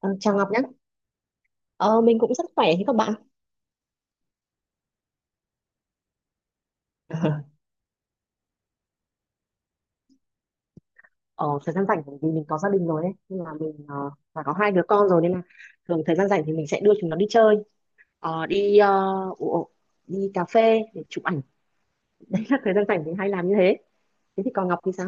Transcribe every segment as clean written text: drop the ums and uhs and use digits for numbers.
Ờ, Chào Ngọc nhé. Ờ, mình cũng rất khỏe thế các bạn. Ờ, Thời gian rảnh bởi vì mình có gia đình rồi ấy, nên là mình và có hai đứa con rồi nên là thường thời gian rảnh thì mình sẽ đưa chúng nó đi chơi. Ờ, đi ờ, ủa, đi cà phê để chụp ảnh. Đấy là thời gian rảnh mình hay làm như thế. Thế thì còn Ngọc thì sao?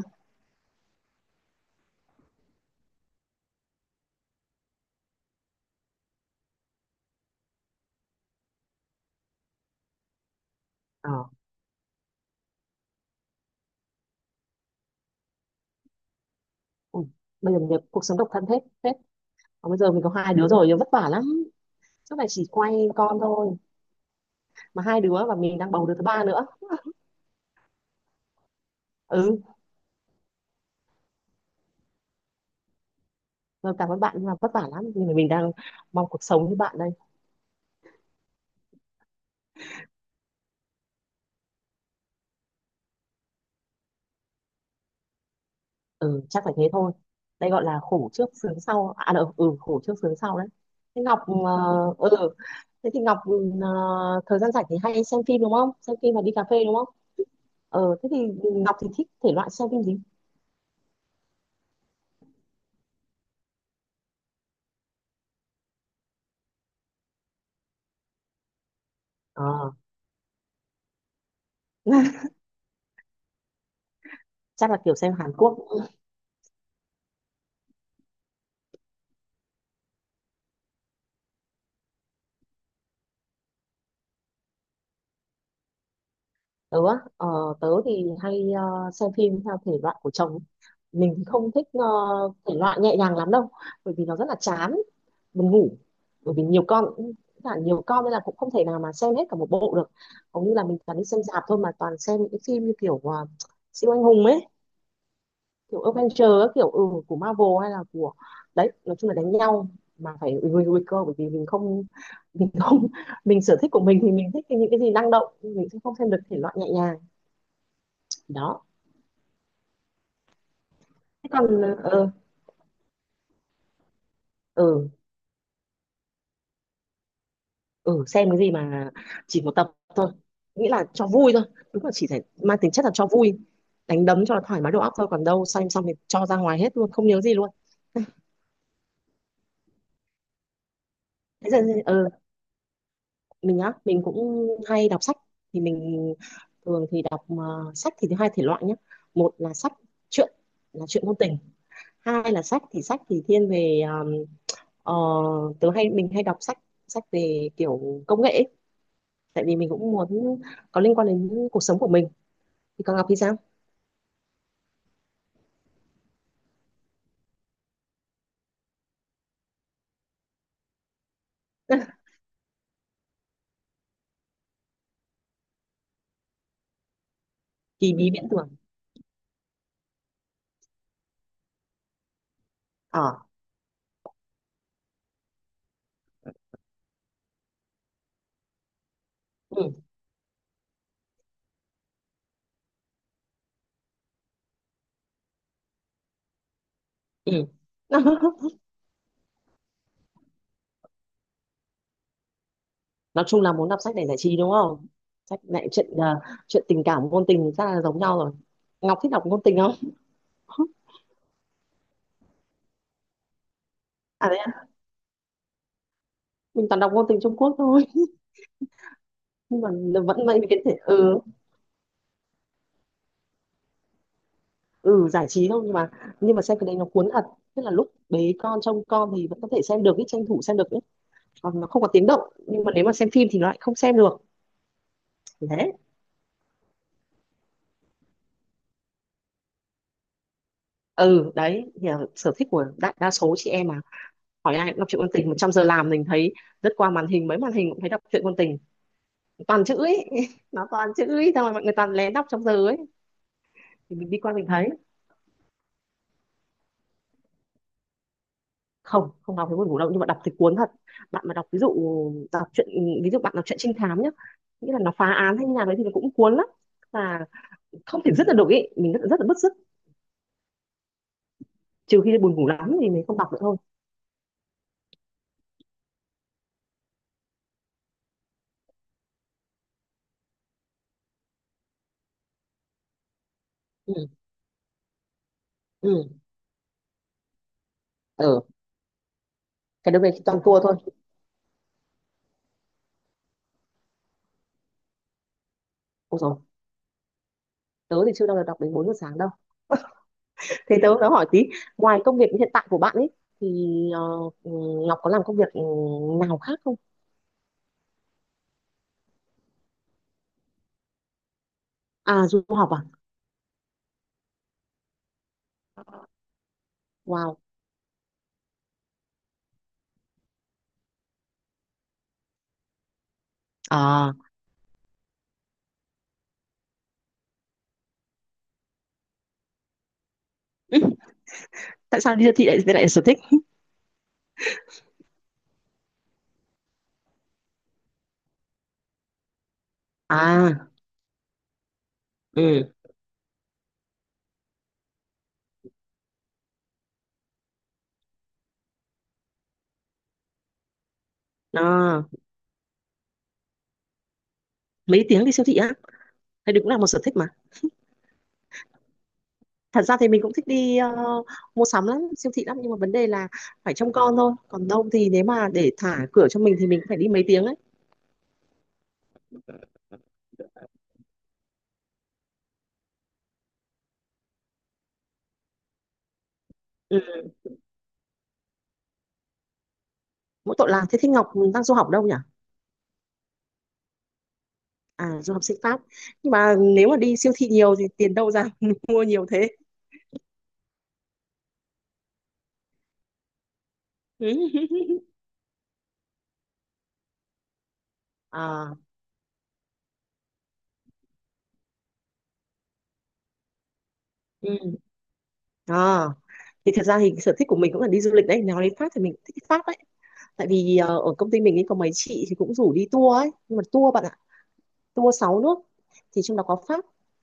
Ờ, Ui, bây giờ mình cuộc sống độc thân hết hết. Còn bây giờ mình có hai đứa rồi, vất vả lắm. Suốt ngày chỉ quay con thôi. Mà hai đứa và mình đang bầu đứa thứ ba nữa. Ừ, rồi cảm ơn bạn nhưng mà vất vả lắm. Nhưng mà mình đang mong cuộc sống như bạn đây. Ừ, chắc phải thế thôi. Đây gọi là khổ trước sướng sau à đâu, khổ trước sướng sau đấy. Thế Ngọc ờ, ừ thế thì Ngọc thời gian rảnh thì hay xem phim, đúng không? Xem phim và đi cà phê, đúng không? Thế thì Ngọc thì thích thể loại xem phim gì? ờ Chắc là kiểu xem Hàn Quốc. Tớ á, ờ, tớ thì hay xem phim theo thể loại của chồng. Mình thì không thích thể loại nhẹ nhàng lắm đâu, bởi vì nó rất là chán, buồn ngủ. Bởi vì nhiều con, nhiều con nên là cũng không thể nào mà xem hết cả một bộ được. Hầu như là mình toàn đi xem rạp thôi, mà toàn xem những cái phim như siêu anh hùng ấy, kiểu Avenger ấy, kiểu của Marvel hay là của đấy. Nói chung là đánh nhau, mà phải nguy nguy cơ. Bởi vì mình không sở thích của mình thì mình thích cái những cái gì năng động. Mình sẽ không xem được thể loại nhẹ nhàng. Đó. Thế còn ừ, ừ, xem cái gì mà chỉ một tập thôi, nghĩa là cho vui thôi. Đúng là chỉ phải mang tính chất là cho vui, đánh đấm cho nó thoải mái đầu óc thôi, còn đâu xem xong thì cho ra ngoài hết luôn, không nhớ gì luôn. Thế giờ, ừ, mình cũng hay đọc sách. Thì mình Thường thì đọc sách thì thứ hai thể loại nhé. Một là sách truyện, là truyện ngôn tình. Hai là sách thì thiên về ờ, tớ hay mình hay đọc sách, sách về kiểu công nghệ ấy. Tại vì mình cũng muốn có liên quan đến cuộc sống của mình. Thì còn Ngọc thì sao? Kỳ bí viễn tưởng. ờ ừ ừ nói chung là muốn đọc sách để giải trí, đúng không? Sách này chuyện à, Chuyện tình cảm ngôn tình ra là giống nhau rồi. Ngọc thích đọc ngôn tình không? à đấy à, mình toàn đọc ngôn tình Trung Quốc thôi. Nhưng mà vẫn mấy cái thể, ừ giải trí thôi. Nhưng mà xem cái đấy nó cuốn thật. Tức là lúc bế con trông con thì vẫn có thể xem được ý, tranh thủ xem được ý. Còn nó không có tiếng động. Nhưng mà nếu mà xem phim thì nó lại không xem được. Đấy. Ừ đấy Thì là sở thích của đại đa số chị em mà. Hỏi ai cũng đọc truyện ngôn tình. 100 giờ làm mình thấy, rất qua màn hình, mấy màn hình cũng thấy đọc truyện ngôn tình, toàn chữ ấy. Nó toàn chữ ấy, xong rồi mọi người toàn lén đọc trong giờ ấy. Thì mình đi qua mình thấy, không, không đọc thấy buồn ngủ đâu, nhưng mà đọc thì cuốn thật. Bạn mà đọc ví dụ, đọc truyện bạn đọc truyện trinh thám nhá, nghĩa là nó phá án hay như nào đấy thì nó cũng cuốn lắm. Và không thể dứt được được ý. Mình rất, rất là bứt rứt. Trừ khi buồn ngủ lắm thì mình không đọc nữa thôi. ừ ừ ừ cái đứa này toàn cua thôi. Ôi rồi, tớ thì chưa bao giờ đọc đến 4 giờ sáng đâu. Thế tớ tớ hỏi tí, ngoài công việc hiện tại của bạn ấy thì ờ, ừ, Ngọc có làm công việc nào khác không? À, du học à? Wow. À, ừ, tại sao đi siêu thị lại lại là sở thích? À, ừ, à, Mấy tiếng đi siêu thị á? Thế đấy cũng là một sở thích mà. Thật ra thì mình cũng thích đi mua sắm lắm, siêu thị lắm, nhưng mà vấn đề là phải trông con thôi. Còn đâu thì nếu mà để thả cửa cho mình thì mình cũng phải đi mấy tiếng ấy. Ừ, mỗi tội là thế. Ngọc đang du học đâu nhỉ? À, du học sinh Pháp. Nhưng mà nếu mà đi siêu thị nhiều thì tiền đâu ra mua nhiều thế? Ừ. à ừ. à thì thật ra thì sở thích của mình cũng là đi du lịch đấy. Nói đến Pháp thì mình cũng thích đi Pháp đấy. Tại vì ở công ty mình ấy có mấy chị thì cũng rủ đi tour ấy, nhưng mà tour bạn ạ, tour 6 nước, thì trong đó có Pháp.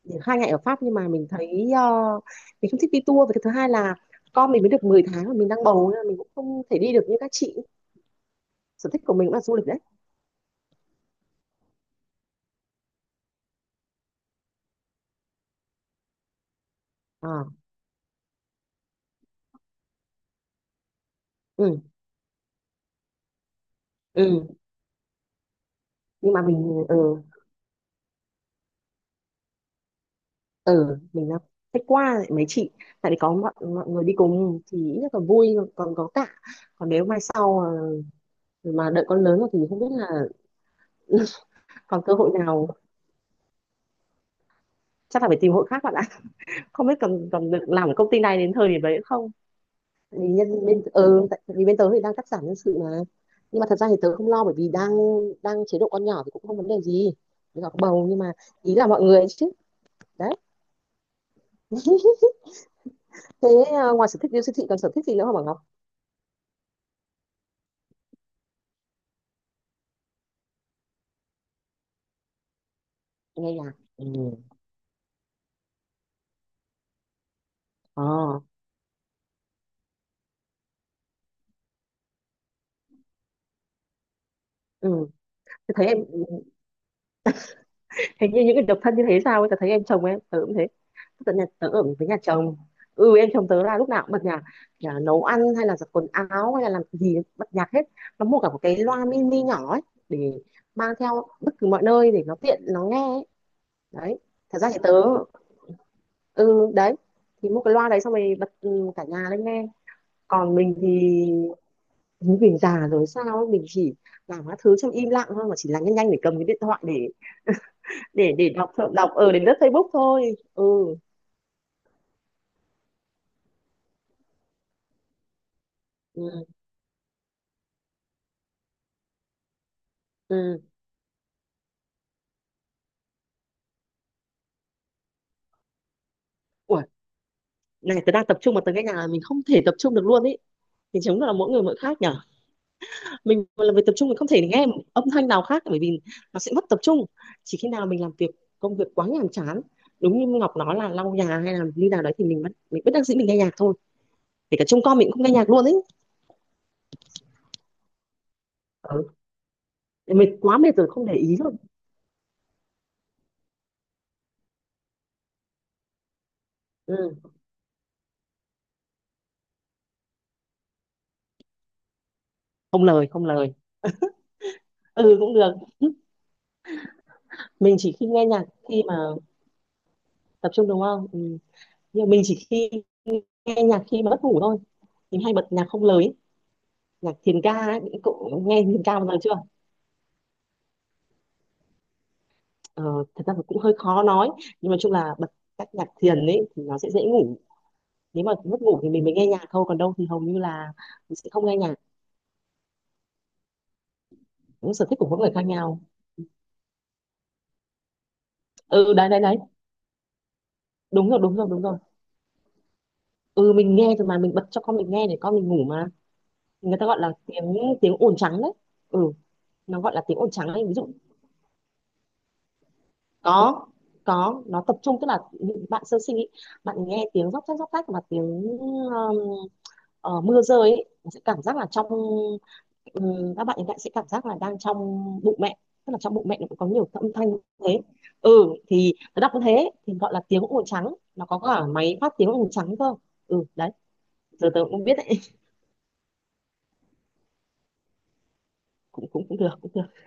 Thì 2 ngày ở Pháp nhưng mà mình thấy mình không thích đi tour. Và cái thứ hai là con mình mới được 10 tháng mà mình đang bầu, nên là mình cũng không thể đi được như các chị. Sở thích của mình cũng là du lịch đấy. à, ừ, ừ. Nhưng mà mình, ừ mình đang thích qua lại mấy chị, tại vì có mọi người đi cùng thì ít nhất là vui. Còn có tạ Còn nếu mai sau ờ, mà đợi con lớn rồi thì không biết là. Còn cơ hội nào, chắc là phải tìm hội khác bạn ạ. Không biết còn còn được làm ở công ty này đến thời điểm đấy không. Vì nhân bên ừ, Tại vì bên tớ thì đang cắt giảm nhân sự mà. Nhưng mà thật ra thì tớ không lo bởi vì đang đang chế độ con nhỏ thì cũng không vấn đề gì. Với cả bầu nhưng mà ý là mọi người ấy chứ. Đấy. Thế ngoài sở thích yêu siêu thị còn sở thích gì nữa không bảo Ngọc? Nghe nhạc. Ừ. Ờ. Ừ. Tớ thấy em hình như những cái độc thân như thế sao ấy. Tớ thấy em chồng em tớ cũng thế. Tớ ở với nhà chồng. Ừ, em chồng tớ là lúc nào cũng bật nhạc. Nhà nấu ăn hay là giặt quần áo hay là làm gì bật nhạc hết. Nó mua cả một cái loa mini nhỏ ấy để mang theo bất cứ mọi nơi để nó tiện nó nghe ấy. Đấy, thật ra thì tớ, ừ đấy thì mua cái loa đấy xong rồi bật, cả nhà lên nghe. Còn mình thì mình già rồi sao ấy, mình chỉ làm các thứ trong im lặng thôi, mà chỉ là nhanh nhanh để cầm cái điện thoại để đọc đọc ở đến lướt Facebook thôi. ừ ừ ừ Ủa này, tớ đang tập trung mà tớ nghe nhạc là mình không thể tập trung được luôn ý. Thì chứng là mỗi người mỗi khác nhở. Mình mà làm việc tập trung, mình không thể nghe một âm thanh nào khác bởi vì nó sẽ mất tập trung. Chỉ khi nào mình làm việc công việc quá nhàm chán, đúng như Ngọc nói là lau nhà hay là như nào đấy, thì mình bất đắc dĩ mình nghe nhạc thôi. Kể cả trông con mình cũng không nghe nhạc luôn ấy. Ừ. Mình quá mệt rồi không để ý rồi. Ừ. Không lời, không lời. Ừ cũng được. Mình chỉ khi nghe nhạc khi mà tập trung, đúng không? Ừ. Nhưng mà mình chỉ khi nghe nhạc khi mà mất ngủ thôi, mình hay bật nhạc không lời ấy. Nhạc thiền ca ấy, những cậu nghe thiền ca một lần chưa? ờ, Thật ra là cũng hơi khó nói, nhưng mà chung là bật các nhạc thiền ấy thì nó sẽ dễ ngủ. Nếu mà mất ngủ thì mình mới nghe nhạc thôi, còn đâu thì hầu như là mình sẽ không nghe nhạc. Những sở thích của mỗi người khác nhau. Ừ, đấy, đấy, đấy. Đúng rồi, đúng rồi, đúng rồi. Ừ mình nghe rồi mà, mình bật cho con mình nghe để con mình ngủ mà. Người ta gọi là tiếng tiếng ồn trắng đấy. Ừ, nó gọi là tiếng ồn trắng ấy, ví dụ. có có nó tập trung, tức là những bạn sơ sinh ý, bạn nghe tiếng róc rách mà tiếng mưa rơi ý, nó sẽ cảm giác là trong, các bạn hiện tại sẽ cảm giác là đang trong bụng mẹ. Tức là trong bụng mẹ nó cũng có nhiều âm thanh như thế. Ừ, thì nó đọc như thế thì gọi là tiếng ồn trắng, nó có cả máy phát tiếng ồn trắng cơ. Ừ đấy. Giờ tớ cũng không biết đấy. cũng cũng cũng được, cũng được.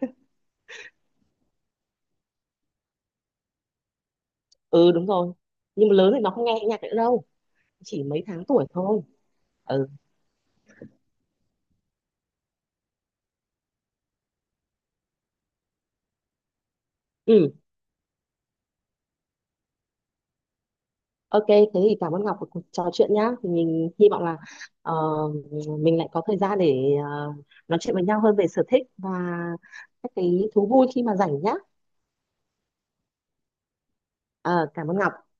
Ừ đúng rồi. Nhưng mà lớn thì nó không nghe nhạc nữa đâu, chỉ mấy tháng tuổi thôi. Ừ. Ừ. Ok, thế thì cảm ơn Ngọc của cuộc trò chuyện nhá. Thì mình hy vọng là ờ, mình lại có thời gian để nói chuyện với nhau hơn về sở thích và các cái thú vui khi mà rảnh nhá. Ờ, Cảm ơn Ngọc.